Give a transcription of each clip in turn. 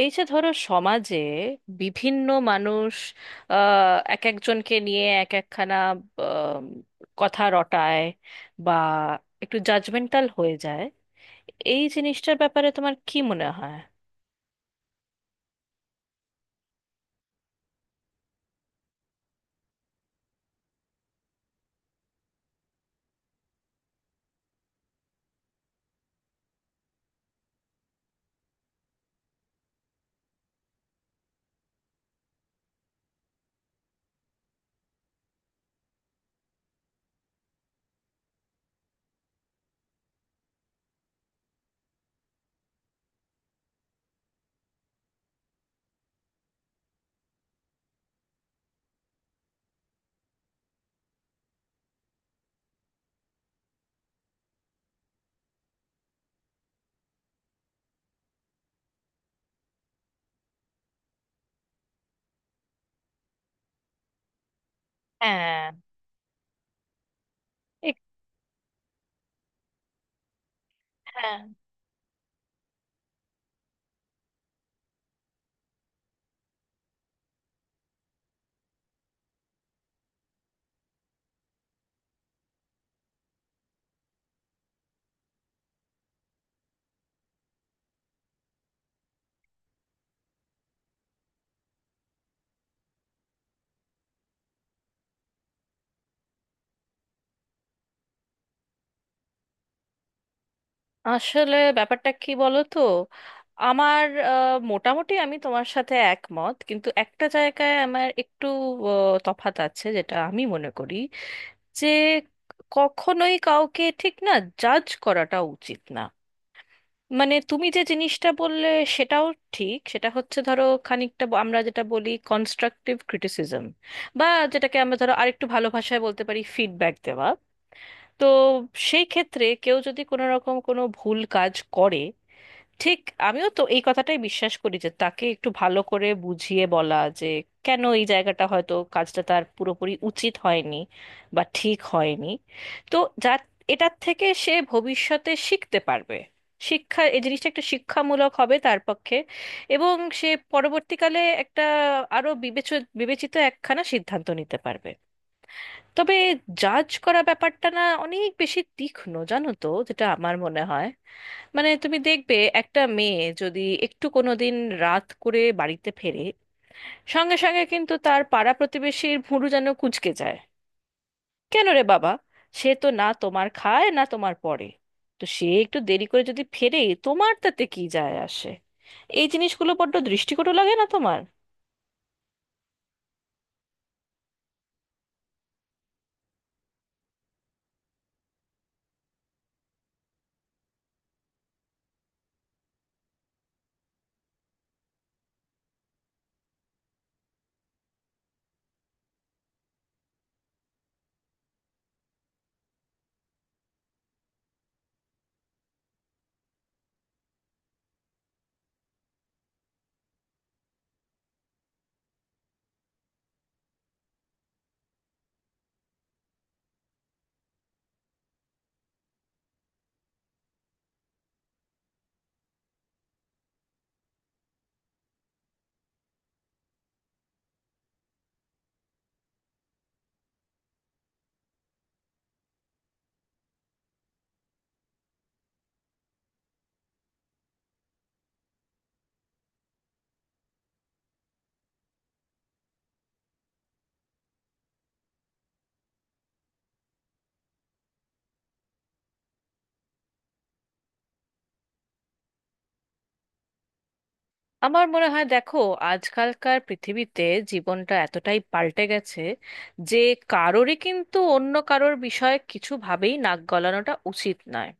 এই যে ধরো সমাজে বিভিন্ন মানুষ এক একজনকে নিয়ে এক একখানা আম, কথা রটায় বা একটু জাজমেন্টাল হয়ে যায়। এই জিনিসটার ব্যাপারে তোমার কি মনে হয়? হ্যাঁ। এক- হ্যাঁ। আসলে ব্যাপারটা কি বলো তো? আমার মোটামুটি আমি তোমার সাথে একমত, কিন্তু একটা জায়গায় আমার একটু তফাৎ আছে। যেটা আমি মনে করি যে কখনোই কাউকে ঠিক না, জাজ করাটা উচিত না। মানে তুমি যে জিনিসটা বললে সেটাও ঠিক। সেটা হচ্ছে ধরো খানিকটা আমরা যেটা বলি কনস্ট্রাকটিভ ক্রিটিসিজম, বা যেটাকে আমরা ধরো আরেকটু ভালো ভাষায় বলতে পারি ফিডব্যাক দেওয়া। তো সেই ক্ষেত্রে কেউ যদি কোনো রকম কোনো ভুল কাজ করে, ঠিক, আমিও তো এই কথাটাই বিশ্বাস করি যে তাকে একটু ভালো করে বুঝিয়ে বলা, যে কেন এই জায়গাটা হয়তো কাজটা তার পুরোপুরি উচিত হয়নি বা ঠিক হয়নি। তো যা, এটার থেকে সে ভবিষ্যতে শিখতে পারবে। শিক্ষা, এই জিনিসটা একটা শিক্ষামূলক হবে তার পক্ষে। এবং সে পরবর্তীকালে একটা আরো বিবেচিত একখানা সিদ্ধান্ত নিতে পারবে। তবে জাজ করা ব্যাপারটা না অনেক বেশি তীক্ষ্ণ, জানো তো, যেটা আমার মনে হয়। মানে তুমি দেখবে, একটা মেয়ে যদি একটু কোনোদিন রাত করে বাড়িতে ফেরে, সঙ্গে সঙ্গে কিন্তু তার পাড়া প্রতিবেশীর ভুরু যেন কুঁচকে যায়। কেন রে বাবা, সে তো না তোমার খায় না তোমার পরে। তো সে একটু দেরি করে যদি ফেরে, তোমার তাতে কি যায় আসে? এই জিনিসগুলো বড্ড দৃষ্টিকটু লাগে না তোমার? আমার মনে হয়, দেখো, আজকালকার পৃথিবীতে জীবনটা এতটাই পাল্টে গেছে যে কারোরই কিন্তু অন্য কারোর বিষয়ে কিছু ভাবেই নাক গলানোটা উচিত নয়।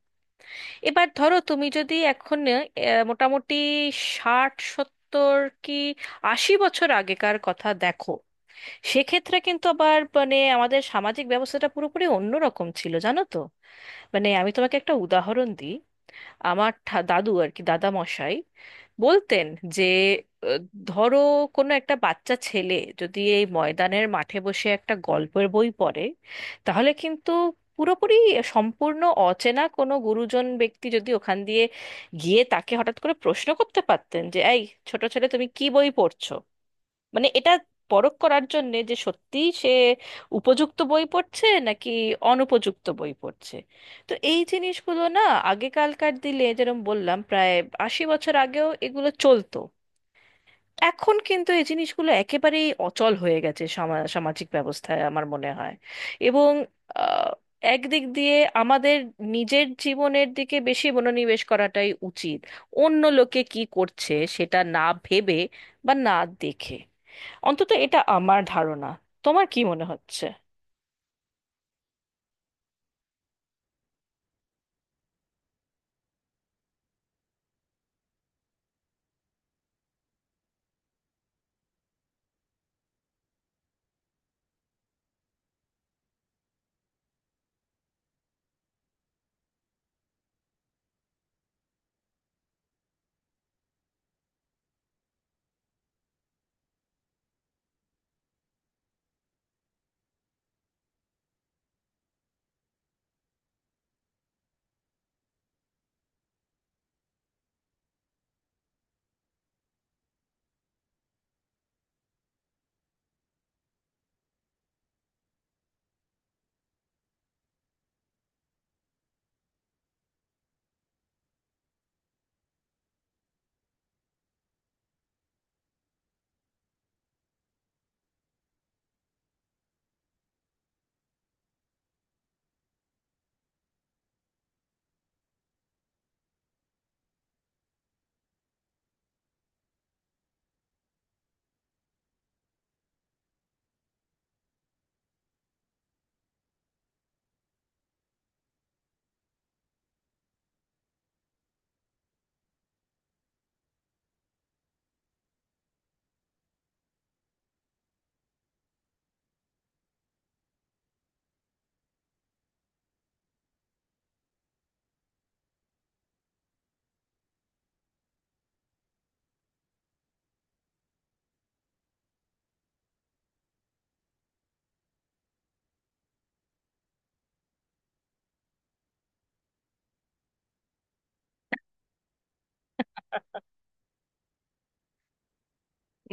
এবার ধরো তুমি যদি এখন মোটামুটি 60 70 কি 80 বছর আগেকার কথা দেখো, সেক্ষেত্রে কিন্তু আবার মানে আমাদের সামাজিক ব্যবস্থাটা পুরোপুরি অন্যরকম ছিল, জানো তো। মানে আমি তোমাকে একটা উদাহরণ দিই। আমার দাদু আর কি, দাদা মশাই বলতেন যে আহ, ধরো কোনো একটা বাচ্চা ছেলে যদি এই ময়দানের মাঠে বসে একটা গল্পের বই পড়ে, তাহলে কিন্তু পুরোপুরি, সম্পূর্ণ অচেনা কোনো গুরুজন ব্যক্তি যদি ওখান দিয়ে গিয়ে তাকে হঠাৎ করে প্রশ্ন করতে পারতেন যে, এই ছোট ছেলে তুমি কি বই পড়ছো? মানে এটা পরখ করার জন্যে যে সত্যি সে উপযুক্ত বই পড়ছে নাকি অনুপযুক্ত বই পড়ছে। তো এই জিনিসগুলো না, আগেকালকার দিলে, যেরকম বললাম, প্রায় 80 বছর আগেও এগুলো চলতো। এখন কিন্তু এই জিনিসগুলো একেবারেই অচল হয়ে গেছে সামাজিক ব্যবস্থায়, আমার মনে হয়। এবং আহ, একদিক দিয়ে আমাদের নিজের জীবনের দিকে বেশি মনোনিবেশ করাটাই উচিত, অন্য লোকে কি করছে সেটা না ভেবে বা না দেখে। অন্তত এটা আমার ধারণা। তোমার কি মনে হচ্ছে?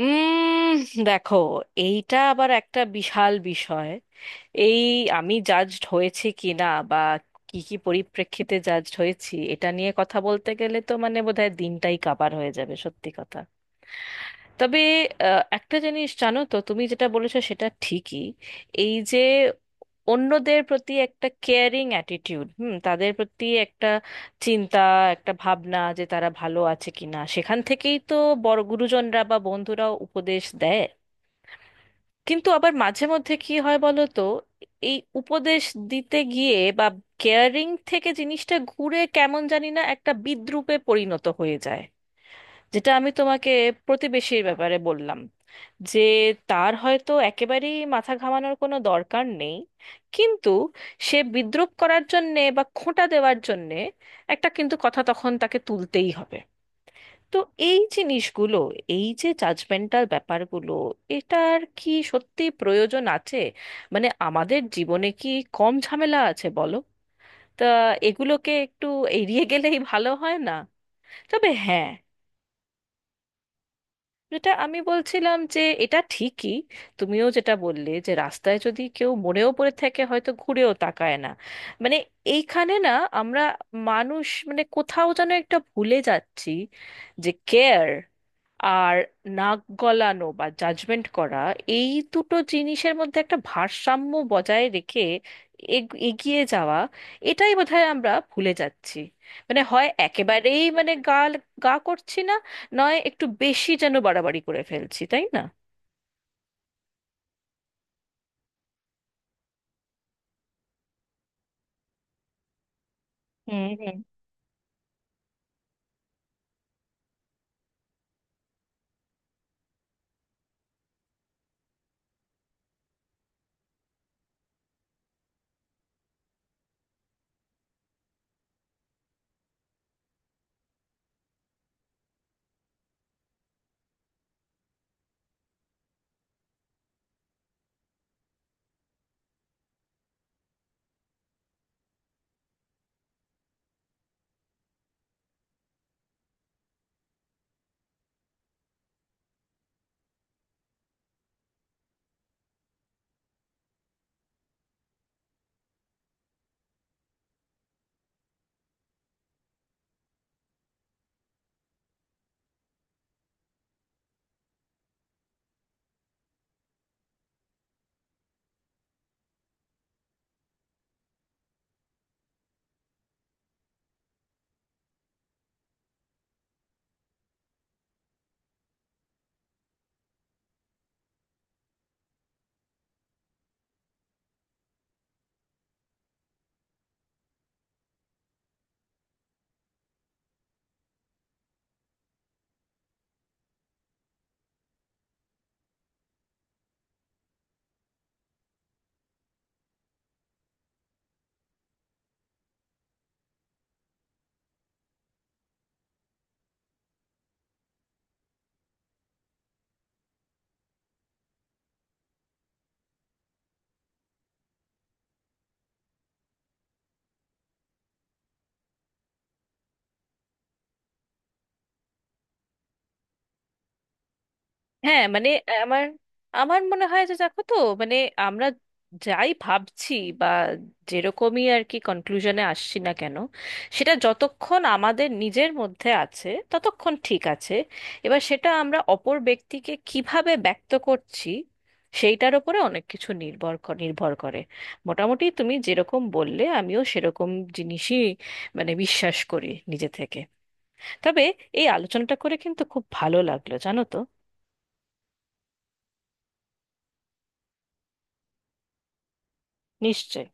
উম দেখো, এইটা আবার একটা বিশাল বিষয়। এই আমি জাজড হয়েছি কি না, বা কি কি পরিপ্রেক্ষিতে জাজড হয়েছি, এটা নিয়ে কথা বলতে গেলে তো মানে বোধহয় দিনটাই কাবার হয়ে যাবে, সত্যি কথা। তবে একটা জিনিস, জানো তো, তুমি যেটা বলেছো সেটা ঠিকই। এই যে অন্যদের প্রতি একটা কেয়ারিং অ্যাটিটিউড, হুম, তাদের প্রতি একটা চিন্তা, একটা ভাবনা যে তারা ভালো আছে কিনা, সেখান থেকেই তো বড় গুরুজনরা বা বন্ধুরাও উপদেশ দেয়। কিন্তু আবার মাঝে মধ্যে কি হয় বলো তো, এই উপদেশ দিতে গিয়ে বা কেয়ারিং থেকে জিনিসটা ঘুরে কেমন জানি না একটা বিদ্রূপে পরিণত হয়ে যায়। যেটা আমি তোমাকে প্রতিবেশীর ব্যাপারে বললাম, যে তার হয়তো একেবারেই মাথা ঘামানোর কোনো দরকার নেই, কিন্তু সে বিদ্রূপ করার জন্যে বা খোঁটা দেওয়ার জন্যে একটা কিন্তু কথা তখন তাকে তুলতেই হবে। তো এই জিনিসগুলো, এই যে জাজমেন্টাল ব্যাপারগুলো, এটার কি সত্যি প্রয়োজন আছে? মানে আমাদের জীবনে কি কম ঝামেলা আছে বলো? তা এগুলোকে একটু এড়িয়ে গেলেই ভালো হয় না? তবে হ্যাঁ, যেটা আমি বলছিলাম যে এটা ঠিকই, তুমিও যেটা বললে যে রাস্তায় যদি কেউ মরেও পড়ে থাকে হয়তো ঘুরেও তাকায় না। মানে এইখানে না আমরা মানুষ মানে কোথাও যেন একটা ভুলে যাচ্ছি, যে কেয়ার আর নাক গলানো বা জাজমেন্ট করা, এই দুটো জিনিসের মধ্যে একটা ভারসাম্য বজায় রেখে এগিয়ে যাওয়া, এটাই বোধহয় আমরা ভুলে যাচ্ছি। মানে হয় একেবারেই মানে গাল গা করছি না, নয় একটু বেশি যেন বাড়াবাড়ি করে ফেলছি, তাই না? হুম হুম। হ্যাঁ, মানে আমার আমার মনে হয় যে, দেখো তো, মানে আমরা যাই ভাবছি বা যেরকমই আর কি কনক্লুশনে আসছি না কেন, সেটা যতক্ষণ আমাদের নিজের মধ্যে আছে ততক্ষণ ঠিক আছে। এবার সেটা আমরা অপর ব্যক্তিকে কিভাবে ব্যক্ত করছি, সেইটার উপরে অনেক কিছু নির্ভর নির্ভর করে। মোটামুটি তুমি যেরকম বললে আমিও সেরকম জিনিসই মানে বিশ্বাস করি নিজে থেকে। তবে এই আলোচনাটা করে কিন্তু খুব ভালো লাগলো, জানো তো। নিশ্চয়ই।